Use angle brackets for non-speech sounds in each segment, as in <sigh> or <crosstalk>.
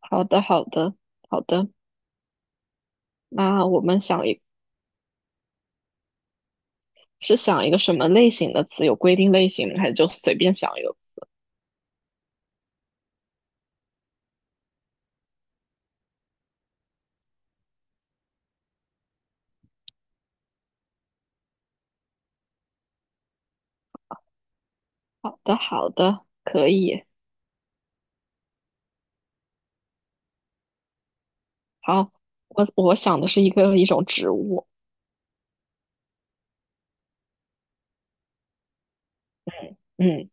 好的，好的，好的。那我们是想一个什么类型的词？有规定类型吗？还是就随便想一个？好的，好的，可以。好，我想的是一种植物。嗯，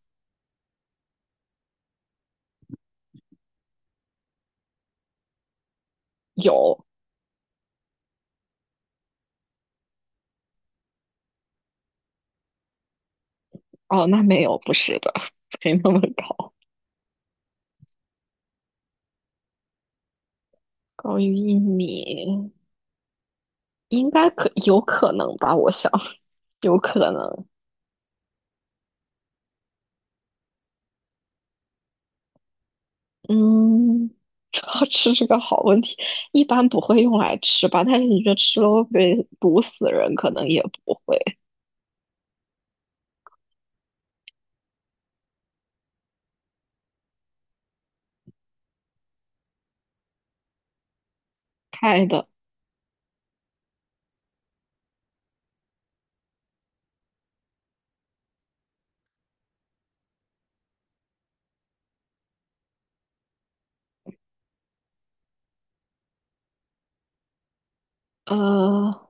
有。哦，那没有，不是的，<laughs> 没那么高。高于1米，应该有可能吧？我想有可能。嗯，要吃是个好问题。一般不会用来吃吧？但是你说吃了会被毒死人，可能也不会。开的。呃，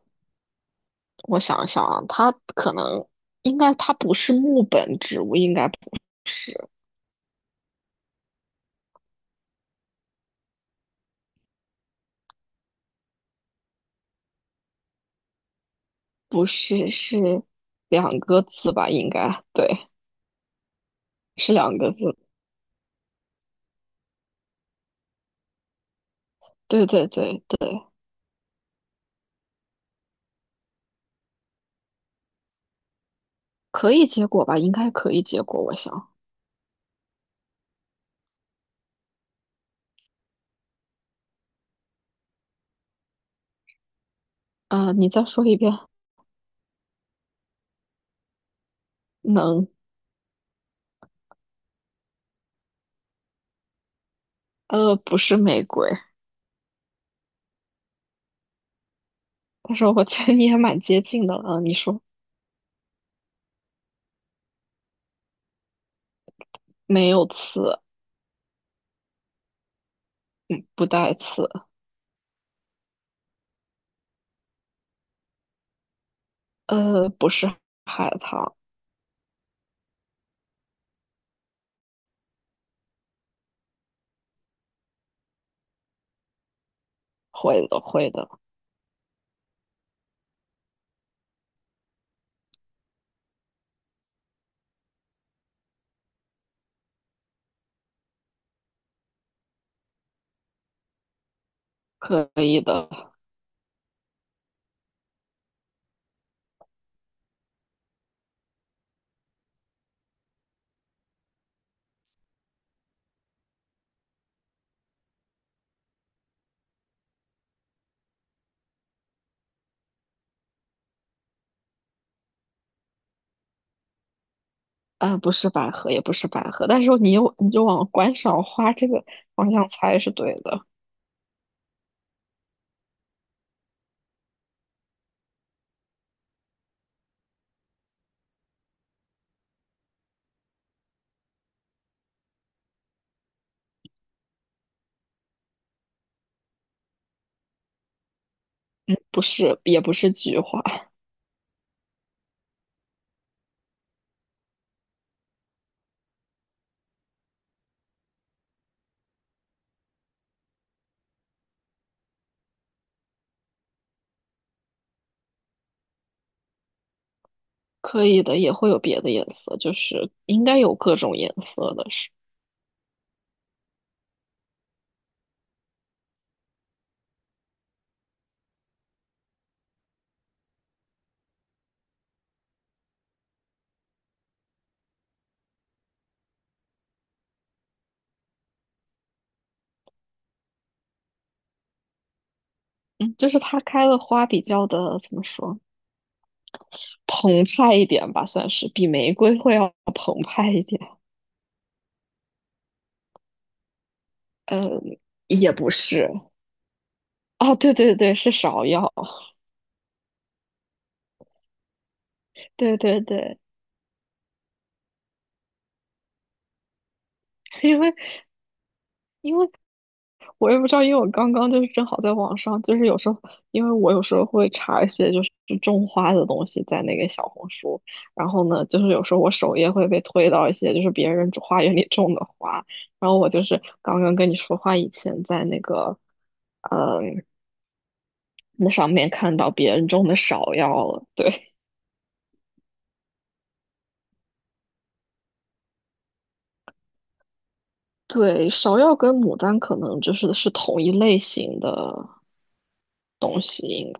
我想一想啊，它可能应该它不是木本植物，应该不是。是两个字吧？应该对，是两个字。对对对对，可以结果吧？应该可以结果，我想。你再说一遍。能。不是玫瑰。但是我觉得你也蛮接近的了，你说没有刺，不带刺。不是海棠。会的，会的。可以的。嗯，不是百合，也不是百合，但是你就往观赏花这个方向猜是对的。不是，也不是菊花。可以的，也会有别的颜色，就是应该有各种颜色的是。嗯，就是它开的花比较的怎么说，澎湃一点吧，算是比玫瑰会要澎湃一点。嗯，也不是。啊，对对对，是芍药。对对对。<laughs> 因为因为我也不知道。因为我刚刚就是正好在网上，就是有时候，因为我有时候会查一些就是种花的东西在那个小红书。然后呢，就是有时候我首页会被推到一些就是别人种花园里种的花。然后我就是刚刚跟你说话以前在那个，呃，那上面看到别人种的芍药了，对。 <laughs> 对，芍药跟牡丹可能是同一类型的东西，应该。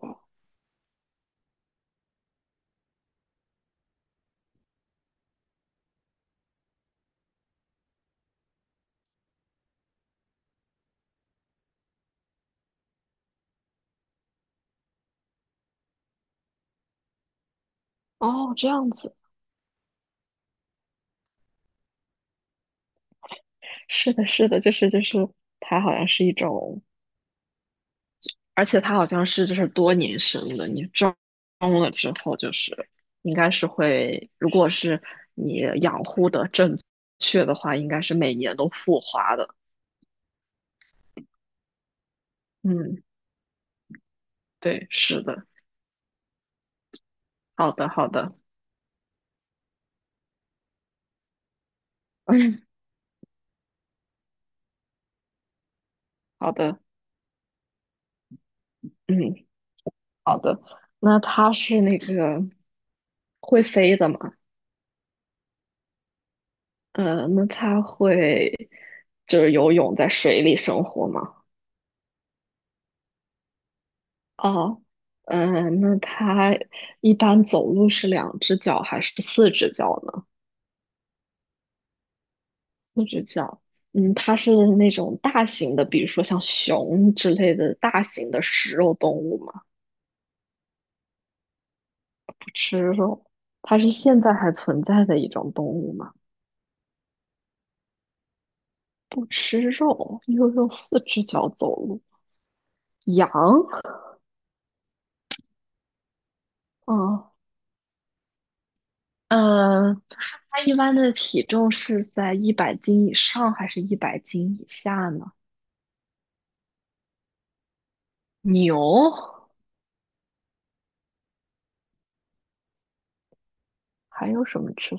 哦，这样子。是的，是的，就是，它好像是一种，而且它好像是就是多年生的，你种了之后就是应该是会，如果是你养护的正确的话，应该是每年都复花的。嗯，对，是的。好的，好的。嗯，好的。嗯，好的。那它是那个会飞的吗？那它会就是游泳在水里生活吗？哦。嗯，那它一般走路是两只脚还是四只脚呢？四只脚。嗯，它是那种大型的，比如说像熊之类的大型的食肉动物吗？不吃肉。它是现在还存在的一种动物吗？不吃肉，又用四只脚走路。羊。嗯，呃，它一般的体重是在一百斤以上还是一百斤以下呢？牛。还有什么吃？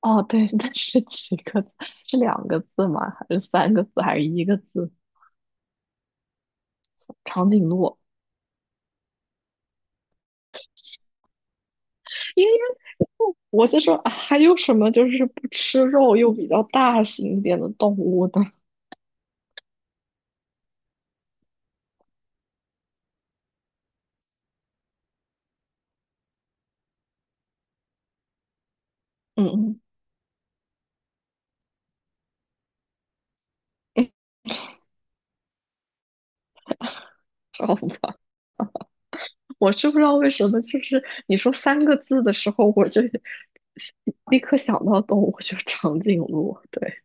哦，对，<laughs> 那是几个字？是两个字吗？还是三个字？还是一个字？长颈鹿。因为我就说，啊还有什么就是不吃肉又比较大型一点的动物呢？嗯。<laughs> 嗯好吧，我是不知道为什么，就是你说三个字的时候，我就 <laughs> 立刻想到动物，就长颈鹿。对。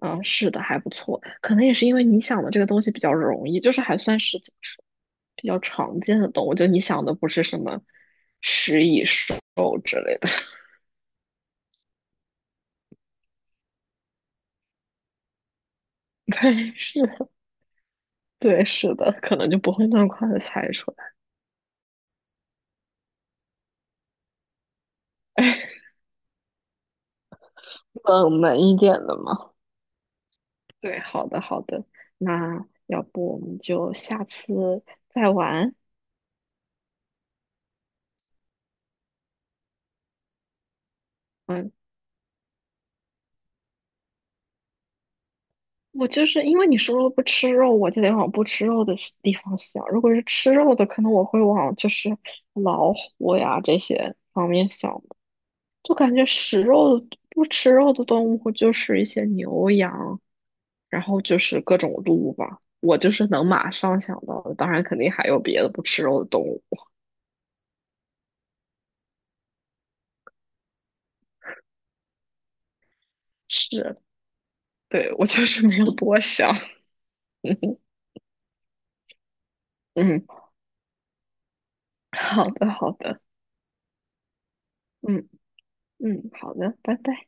嗯，是的，还不错。可能也是因为你想的这个东西比较容易，就是还算是怎么说，比较常见的动物。就你想的不是什么食蚁兽之类的。<laughs> 对，是的。对，是的，可能就不会那么快的猜出来。<laughs> 哎，冷门一点的嘛。对，好的，好的。那要不我们就下次再玩。嗯。我就是因为你说了不吃肉，我就得往不吃肉的西地方想。如果是吃肉的，可能我会往就是老虎呀这些方面想。就感觉食肉的不吃肉的动物就是一些牛羊，然后就是各种鹿吧。我就是能马上想到的，当然肯定还有别的不吃肉的动物。是。对，我就是没有多想。<laughs> 嗯，好的，好的，嗯嗯，好的，拜拜。